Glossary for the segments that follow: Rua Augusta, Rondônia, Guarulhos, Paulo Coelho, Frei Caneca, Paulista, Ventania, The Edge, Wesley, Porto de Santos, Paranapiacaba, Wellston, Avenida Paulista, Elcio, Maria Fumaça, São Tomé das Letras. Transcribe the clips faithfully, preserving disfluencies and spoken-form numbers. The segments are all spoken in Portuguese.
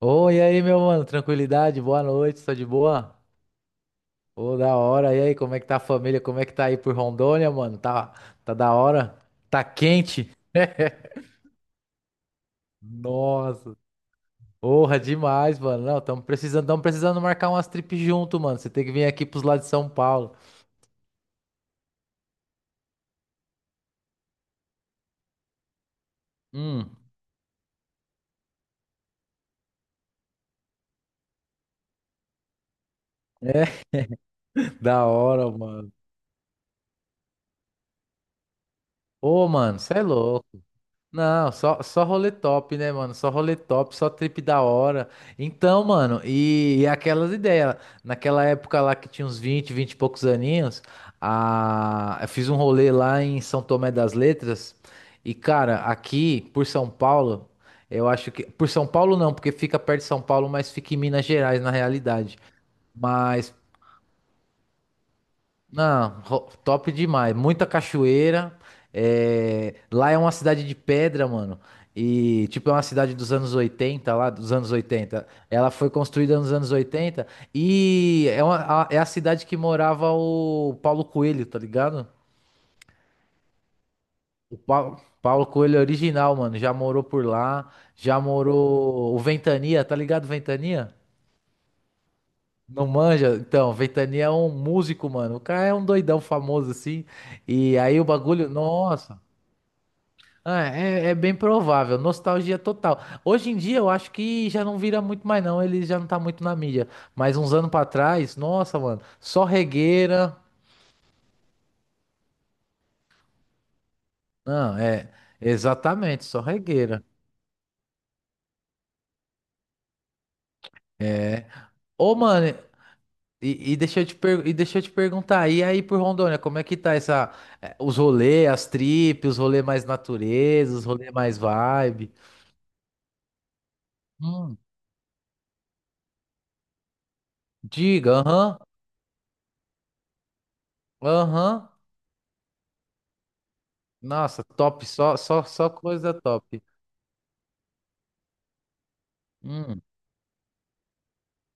Oi, e aí, meu mano, tranquilidade, boa noite, tá de boa? Ô, da hora, e aí, como é que tá a família, como é que tá aí por Rondônia, mano? Tá, tá da hora? Tá quente? Nossa, porra, demais, mano, não, tamo precisando, tamo precisando marcar umas trips junto, mano, você tem que vir aqui pros lados de São Paulo. Hum, é, da hora, mano. Ô, mano, cê é louco. Não, só, só rolê top, né, mano? Só rolê top, só trip da hora. Então, mano, e, e aquelas ideias. Naquela época lá que tinha uns vinte, vinte e poucos aninhos, a, eu fiz um rolê lá em São Tomé das Letras. E, cara, aqui por São Paulo, eu acho que. Por São Paulo não, porque fica perto de São Paulo, mas fica em Minas Gerais, na realidade. Mas não, ro- top demais. Muita cachoeira. É, lá é uma cidade de pedra, mano. E, tipo, é uma cidade dos anos oitenta lá dos anos oitenta. Ela foi construída nos anos oitenta e é, uma- a, é a cidade que morava o Paulo Coelho, tá ligado? O Paulo, Paulo Coelho é original, mano. Já morou por lá, já morou o Ventania, tá ligado, Ventania? Não manja? Então, Ventania é um músico, mano. O cara é um doidão famoso, assim. E aí o bagulho, nossa. Ah, é, é bem provável, nostalgia total. Hoje em dia eu acho que já não vira muito mais não, ele já não tá muito na mídia. Mas uns anos pra trás, nossa, mano, só regueira. Não, é, exatamente, só regueira. É. Ô, mano, e, e deixa eu te per- e deixa eu te perguntar, e aí por Rondônia, como é que tá essa, eh, os rolê, as tripes, os rolê mais natureza, os rolê mais vibe? Hum, diga, aham, aham. Nossa, top, só, só, só coisa top. Hum.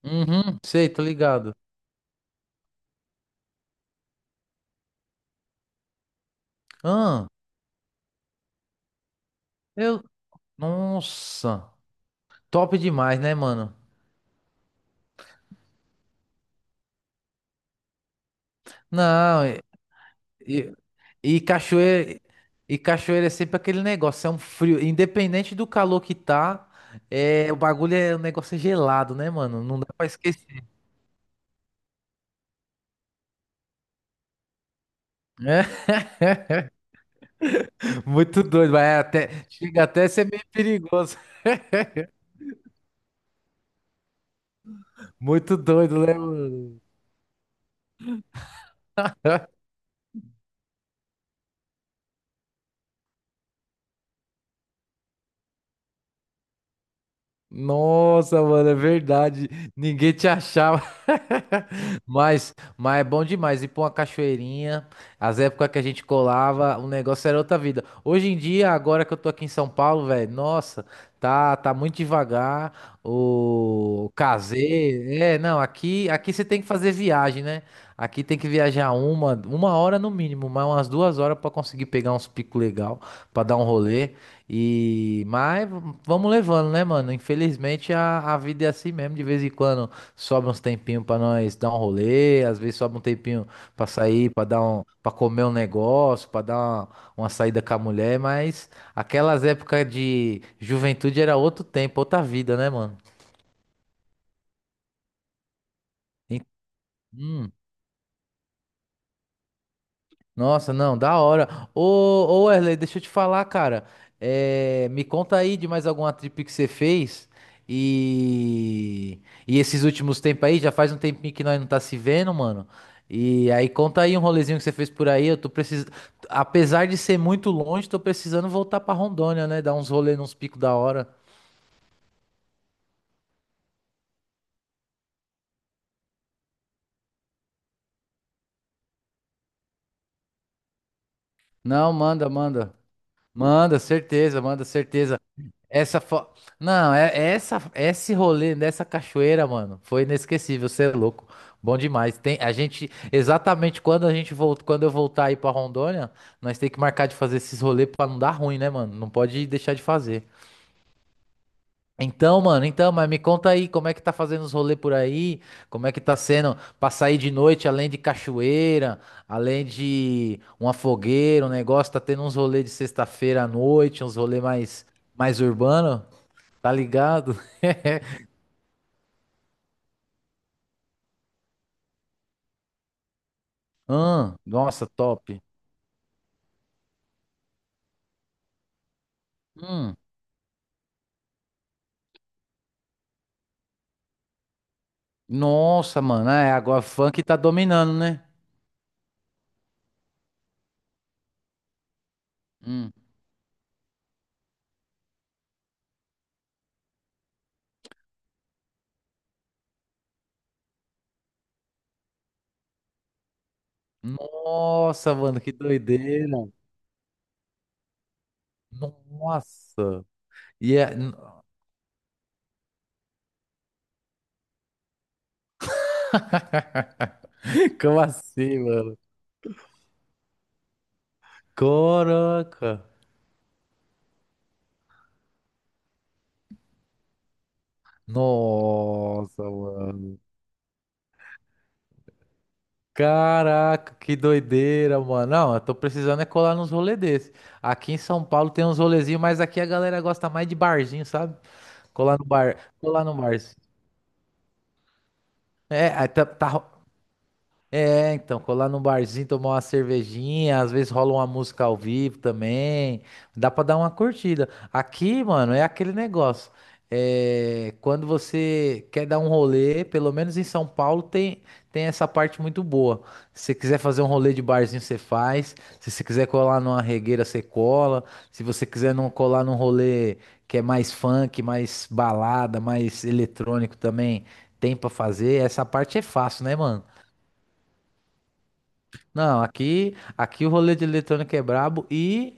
Uhum, sei, tô ligado. Ah, eu. Nossa, top demais, né, mano? Não, e, e- e cachoeira. E cachoeira é sempre aquele negócio, é um frio. Independente do calor que tá, é, o bagulho é. O negócio é gelado, né, mano? Não dá pra esquecer. É muito doido, vai até. Chega até a ser meio perigoso. Muito doido, né, mano? Nossa, mano, é verdade. Ninguém te achava. Mas, mas é bom demais ir pra uma cachoeirinha. As épocas que a gente colava, o negócio era outra vida. Hoje em dia, agora que eu tô aqui em São Paulo, velho, nossa, tá, tá muito devagar. O casei. É, não, aqui, aqui você tem que fazer viagem, né? Aqui tem que viajar uma, uma hora no mínimo, mas umas duas horas pra conseguir pegar uns picos legal, pra dar um rolê. E mas vamos levando, né, mano? Infelizmente a, a vida é assim mesmo. De vez em quando sobra uns tempinhos pra nós dar um rolê, às vezes sobra um tempinho pra sair, pra dar um, para comer um negócio, pra dar uma, uma saída com a mulher. Mas aquelas épocas de juventude era outro tempo, outra vida, né, mano? E- hum. Nossa, não, da hora. Ô, ô Wesley, deixa eu te falar, cara. É, me conta aí de mais alguma trip que você fez. E, e esses últimos tempos aí, já faz um tempinho que nós não tá se vendo, mano. E aí conta aí um rolezinho que você fez por aí. Eu tô precisando. Apesar de ser muito longe, tô precisando voltar pra Rondônia, né? Dar uns rolê nos picos da hora. Não, manda, manda. Manda, certeza, manda, certeza. Essa fo... Não, é, é essa é esse rolê dessa cachoeira, mano, foi inesquecível, você é louco. Bom demais. Tem a gente exatamente quando a gente volta, quando eu voltar aí pra Rondônia, nós tem que marcar de fazer esses rolês pra não dar ruim, né, mano? Não pode deixar de fazer. Então, mano, então, mas me conta aí, como é que tá fazendo os rolês por aí? Como é que tá sendo pra sair de noite, além de cachoeira, além de uma fogueira, um negócio, tá tendo uns rolês de sexta-feira à noite, uns rolês mais mais urbano? Tá ligado? Hum, nossa, top. Hum, nossa, mano. É, agora funk tá dominando, né? Hum, nossa, mano, que doideira. Nossa. E é- Como assim, mano? Caraca. Nossa, mano. Caraca, que doideira, mano. Não, eu tô precisando é colar nos rolês desse. Aqui em São Paulo tem uns rolezinhos, mas aqui a galera gosta mais de barzinho, sabe? Colar no bar, colar no bar. É, aí tá, tá, É, então, colar num barzinho, tomar uma cervejinha, às vezes rola uma música ao vivo também, dá pra dar uma curtida. Aqui, mano, é aquele negócio. É, quando você quer dar um rolê, pelo menos em São Paulo tem, tem essa parte muito boa. Se você quiser fazer um rolê de barzinho, você faz. Se você quiser colar numa regueira, você cola. Se você quiser não colar num rolê que é mais funk, mais balada, mais eletrônico também, tem pra fazer. Essa parte é fácil, né, mano? Não, aqui, aqui o rolê de eletrônica é brabo e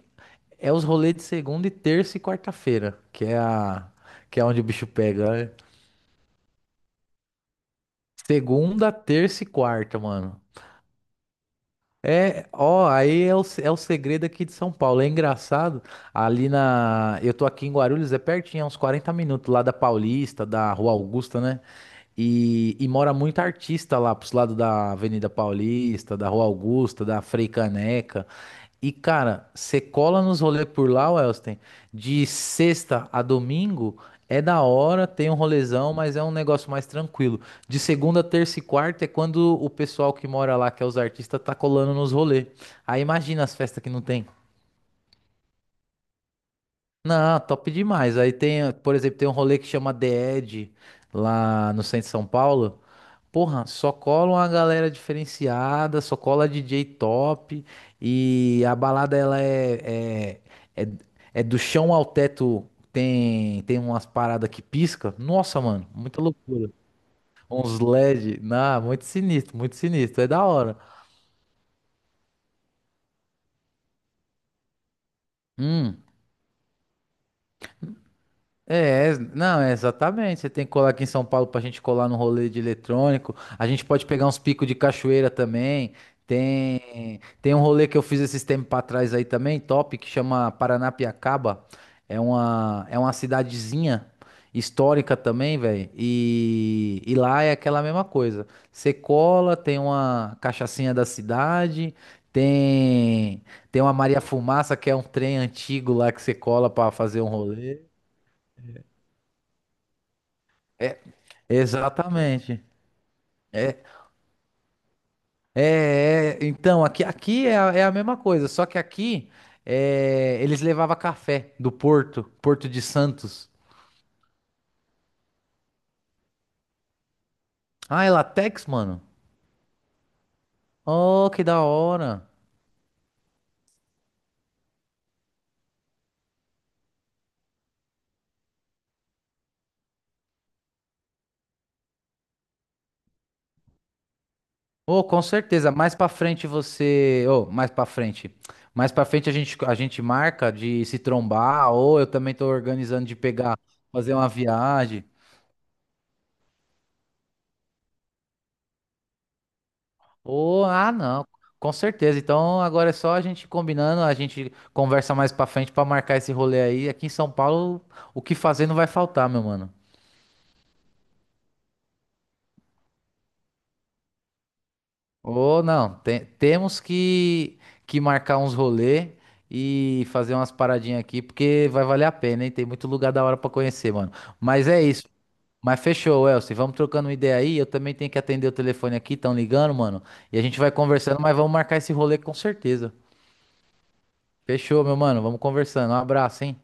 é os rolês de segunda e terça e quarta-feira, que é a, que é onde o bicho pega, né? Segunda, terça e quarta, mano. É, ó, aí é o, é o segredo aqui de São Paulo. É engraçado, ali na. Eu tô aqui em Guarulhos, é pertinho, é uns quarenta minutos lá da Paulista, da Rua Augusta, né? E, e mora muito artista lá pros lados da Avenida Paulista, da Rua Augusta, da Frei Caneca. E, cara, você cola nos rolês por lá, Wellston, de sexta a domingo é da hora, tem um rolezão, mas é um negócio mais tranquilo. De segunda, terça e quarta é quando o pessoal que mora lá, que é os artistas, tá colando nos rolês. Aí imagina as festas que não tem. Não, top demais. Aí tem, por exemplo, tem um rolê que chama The Edge, lá no centro de São Paulo. Porra, só cola uma galera diferenciada, só cola D J top e a balada ela é, é, é, é do chão ao teto, tem, tem umas paradas que pisca. Nossa, mano, muita loucura. Uns L E D, na muito sinistro, muito sinistro, é da hora. Hum. É, ex- não, é exatamente. Você tem que colar aqui em São Paulo pra gente colar no rolê de eletrônico. A gente pode pegar uns picos de cachoeira também. Tem, tem um rolê que eu fiz esses tempos pra trás aí também, top, que chama Paranapiacaba. É uma, é uma cidadezinha histórica também, velho. E, e lá é aquela mesma coisa. Você cola, tem uma cachaçinha da cidade, tem, tem uma Maria Fumaça, que é um trem antigo lá que você cola pra fazer um rolê. Exatamente. É, é, é, então, aqui, aqui é, a é a mesma coisa, só que aqui é, eles levavam café do Porto, Porto de Santos. Ah, é Latex, mano? Oh, que da hora. Oh, com certeza, mais pra frente você... Oh, mais pra frente. Mais pra frente a gente, a gente marca de se trombar, ou eu também tô organizando de pegar, fazer uma viagem. Oh, ah, não, com certeza. Então agora é só a gente combinando, a gente conversa mais pra frente pra marcar esse rolê aí. Aqui em São Paulo, o que fazer não vai faltar, meu mano. Ô, não, te- temos que, que marcar uns rolê e fazer umas paradinhas aqui, porque vai valer a pena, hein? Tem muito lugar da hora pra conhecer, mano. Mas é isso. Mas fechou, Elcio. Vamos trocando uma ideia aí. Eu também tenho que atender o telefone aqui, estão ligando, mano. E a gente vai conversando, mas vamos marcar esse rolê com certeza. Fechou, meu mano. Vamos conversando. Um abraço, hein?